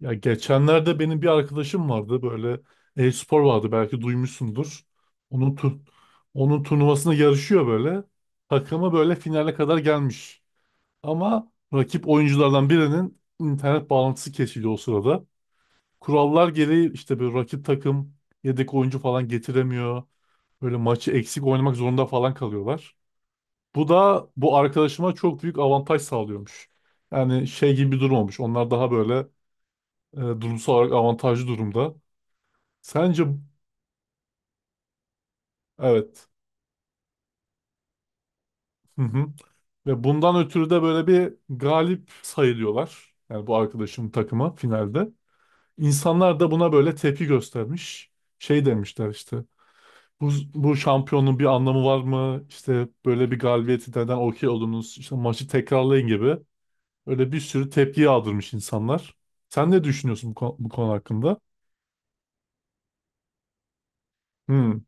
Ya geçenlerde benim bir arkadaşım vardı, böyle e-spor vardı, belki duymuşsundur. Onun tu onun turnuvasına yarışıyor böyle. Takımı böyle finale kadar gelmiş. Ama rakip oyunculardan birinin internet bağlantısı kesildi o sırada. Kurallar gereği işte bir rakip takım yedek oyuncu falan getiremiyor. Böyle maçı eksik oynamak zorunda falan kalıyorlar. Bu da bu arkadaşıma çok büyük avantaj sağlıyormuş. Yani şey gibi bir durum olmuş. Onlar daha böyle durumsal olarak avantajlı durumda. Sence evet. Hı hı. Ve bundan ötürü de böyle bir galip sayılıyorlar. Yani bu arkadaşımın takımı finalde. İnsanlar da buna böyle tepki göstermiş. Şey demişler işte. Bu, bu şampiyonun bir anlamı var mı? İşte böyle bir galibiyeti neden okey oldunuz? İşte maçı tekrarlayın gibi. Öyle bir sürü tepki yağdırmış insanlar. Sen ne düşünüyorsun bu konu, bu konu hakkında? Hı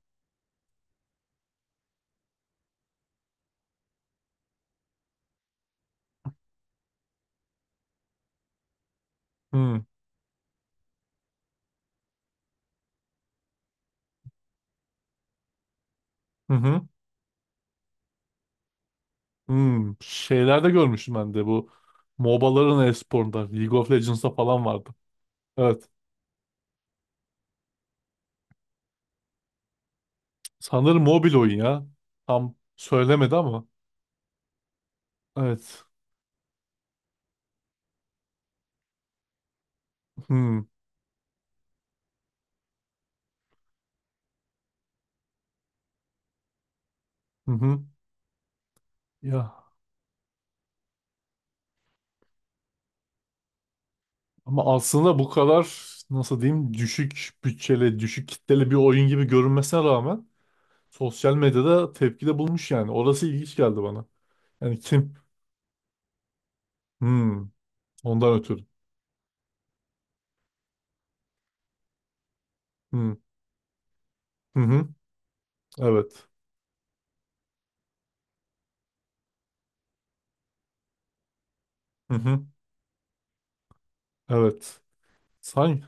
hı, hı hı. Hmm, şeylerde görmüştüm ben de bu MOBA'ların e-sporunda League of Legends'da falan vardı. Evet. Sanırım mobil oyun ya. Tam söylemedi ama. Evet. Hmm. Hı hı. Ya ama aslında bu kadar, nasıl diyeyim, düşük bütçeli, düşük kitleli bir oyun gibi görünmesine rağmen sosyal medyada tepkide bulmuş yani. Orası ilginç geldi bana. Yani kim? Hmm. Ondan ötürü. Hmm. Hı hı. Evet. Hı hı. Evet. Sanki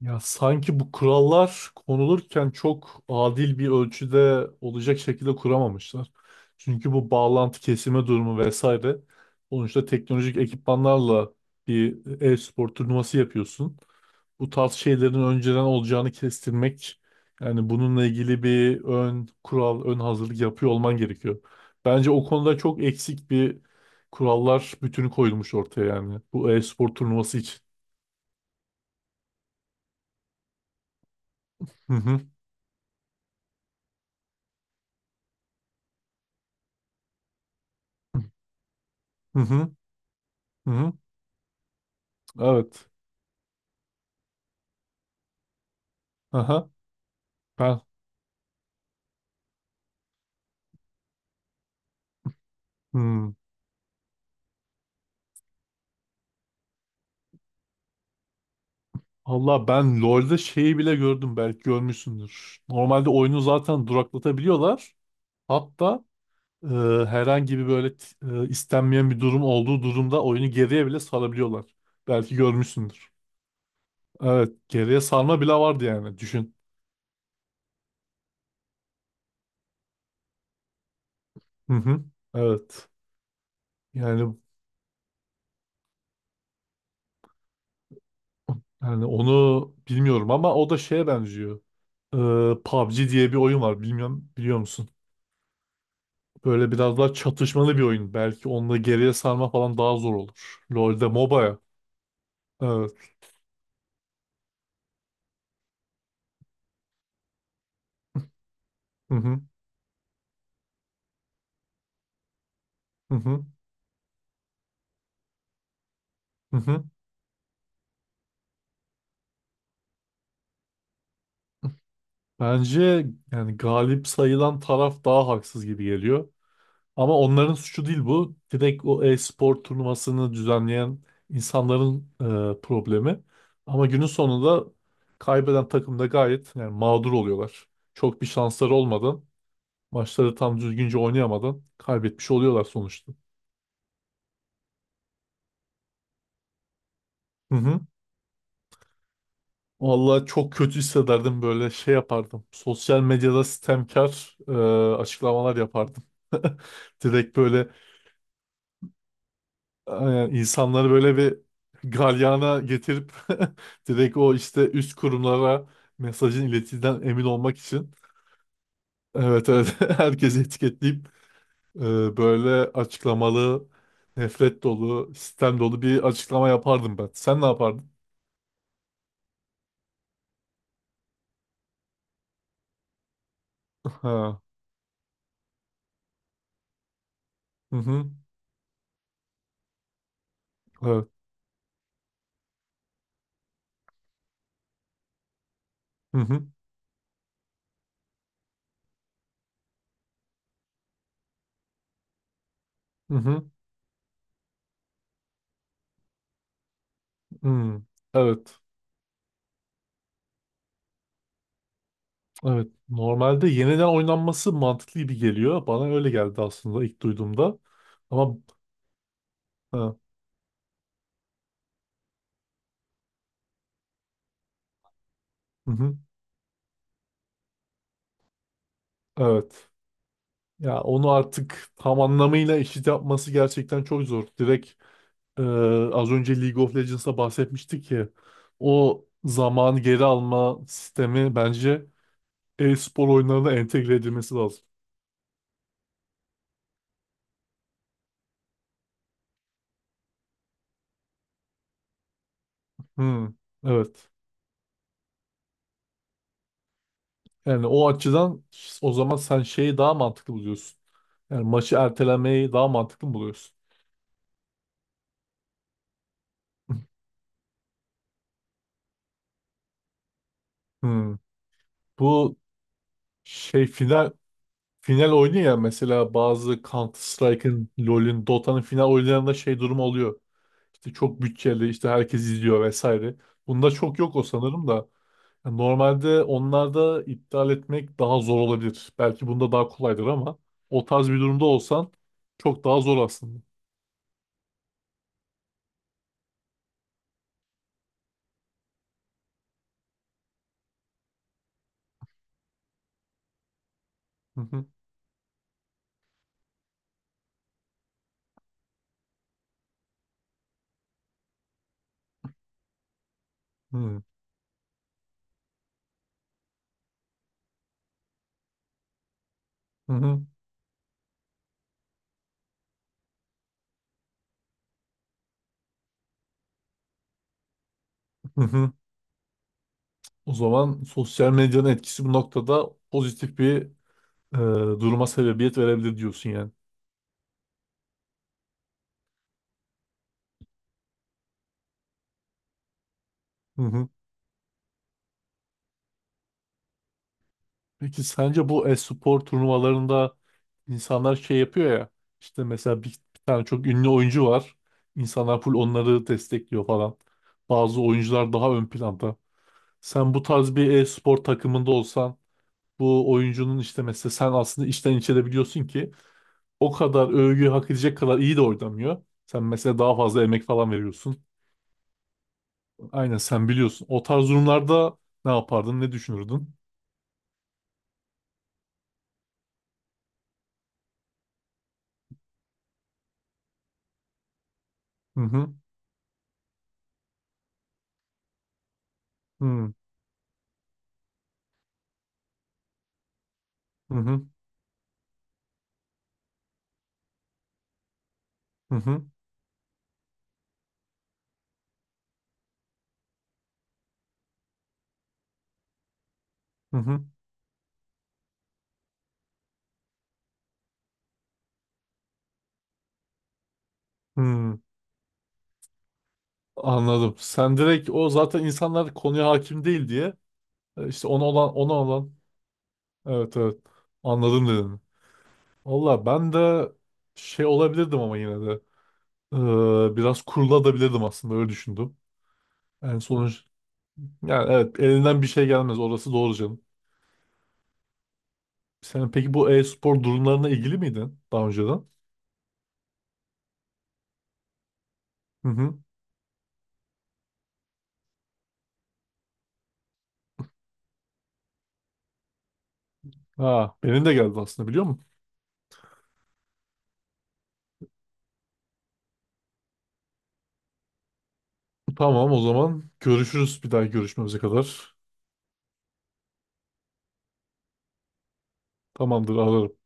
ya sanki bu kurallar konulurken çok adil bir ölçüde olacak şekilde kuramamışlar. Çünkü bu bağlantı kesime durumu vesaire, sonuçta teknolojik ekipmanlarla bir e-spor turnuvası yapıyorsun. Bu tarz şeylerin önceden olacağını kestirmek, yani bununla ilgili bir ön kural, ön hazırlık yapıyor olman gerekiyor. Bence o konuda çok eksik bir kurallar bütünü koyulmuş ortaya yani bu e-spor turnuvası için. Hı hı. Hı hı. Hı hı. Evet. Aha. Ben. Hmm. Allah, ben LoL'de şeyi bile gördüm, belki görmüşsündür. Normalde oyunu zaten duraklatabiliyorlar. Hatta e, herhangi bir böyle istenmeyen bir durum olduğu durumda oyunu geriye bile sarabiliyorlar. Belki görmüşsündür. Evet, geriye sarma bile vardı yani düşün. Hı hı. Evet. Yani yani onu bilmiyorum ama o da şeye benziyor. E, PUBG diye bir oyun var. Bilmiyorum, biliyor musun? Böyle biraz daha çatışmalı bir oyun. Belki onunla geriye sarma falan daha zor olur. LoL'de MOBA'ya. Evet. Hı hı. Hı hı. Hı hı. Bence yani galip sayılan taraf daha haksız gibi geliyor. Ama onların suçu değil bu. Direkt o e-spor turnuvasını düzenleyen insanların problemi. Ama günün sonunda kaybeden takım da gayet yani mağdur oluyorlar. Çok bir şansları olmadan, maçları tam düzgünce oynayamadan kaybetmiş oluyorlar sonuçta. Hı hı. Vallahi çok kötü hissederdim, böyle şey yapardım. Sosyal medyada sistemkar açıklamalar yapardım. Direkt böyle insanları böyle bir galyana getirip direkt o işte üst kurumlara mesajın iletildiğinden emin olmak için evet evet herkesi etiketleyip e, böyle açıklamalı nefret dolu sistem dolu bir açıklama yapardım ben. Sen ne yapardın? Ha. Hı hı. Evet. Hı hı. Hı hı. Hı. Evet. Evet, normalde yeniden oynanması mantıklı gibi geliyor. Bana öyle geldi aslında ilk duyduğumda. Ama ha, hı hı, evet. Ya onu artık tam anlamıyla eşit yapması gerçekten çok zor. Direkt e, az önce League of Legends'a bahsetmiştik ki o zamanı geri alma sistemi bence e-spor oyunlarına entegre edilmesi lazım. Hı, evet. Yani o açıdan o zaman sen şeyi daha mantıklı buluyorsun. Yani maçı ertelemeyi daha mantıklı mı buluyorsun. Hı. Bu şey final final oyunu ya, mesela bazı Counter-Strike'ın, LoL'ün, Dota'nın final oyunlarında şey durum oluyor. İşte çok bütçeli, işte herkes izliyor vesaire. Bunda çok yok o sanırım da. Yani normalde onlarda iptal etmek daha zor olabilir. Belki bunda daha kolaydır ama o tarz bir durumda olsan çok daha zor aslında. Hı hı, hı hı, hı hı. O zaman sosyal medyanın etkisi bu noktada pozitif bir e, duruma sebebiyet verebilir diyorsun yani. Hı hı. Peki sence bu e-spor turnuvalarında insanlar şey yapıyor ya, işte mesela bir, bir tane çok ünlü oyuncu var. İnsanlar full onları destekliyor falan. Bazı oyuncular daha ön planda. Sen bu tarz bir e-spor takımında olsan bu oyuncunun işte mesela sen aslında içten içe de biliyorsun ki o kadar övgü hak edecek kadar iyi de oynamıyor. Sen mesela daha fazla emek falan veriyorsun. Aynen sen biliyorsun. O tarz durumlarda ne yapardın, ne düşünürdün? Hı hı. Hı hı. Hı hı. Hı hı. Hı hı. Anladım. Sen direkt o zaten insanlar konuya hakim değil diye işte ona olan ona olan evet evet anladım dedin. Valla ben de şey olabilirdim ama yine de biraz kuruladabilirdim aslında, öyle düşündüm. En sonuç yani evet, elinden bir şey gelmez, orası doğru canım. Sen peki bu e-spor durumlarına ilgili miydin daha önceden? Hı hı. Ha, benim de geldi aslında, biliyor musun? Tamam, o zaman görüşürüz bir daha görüşmemize kadar. Tamamdır, ararım.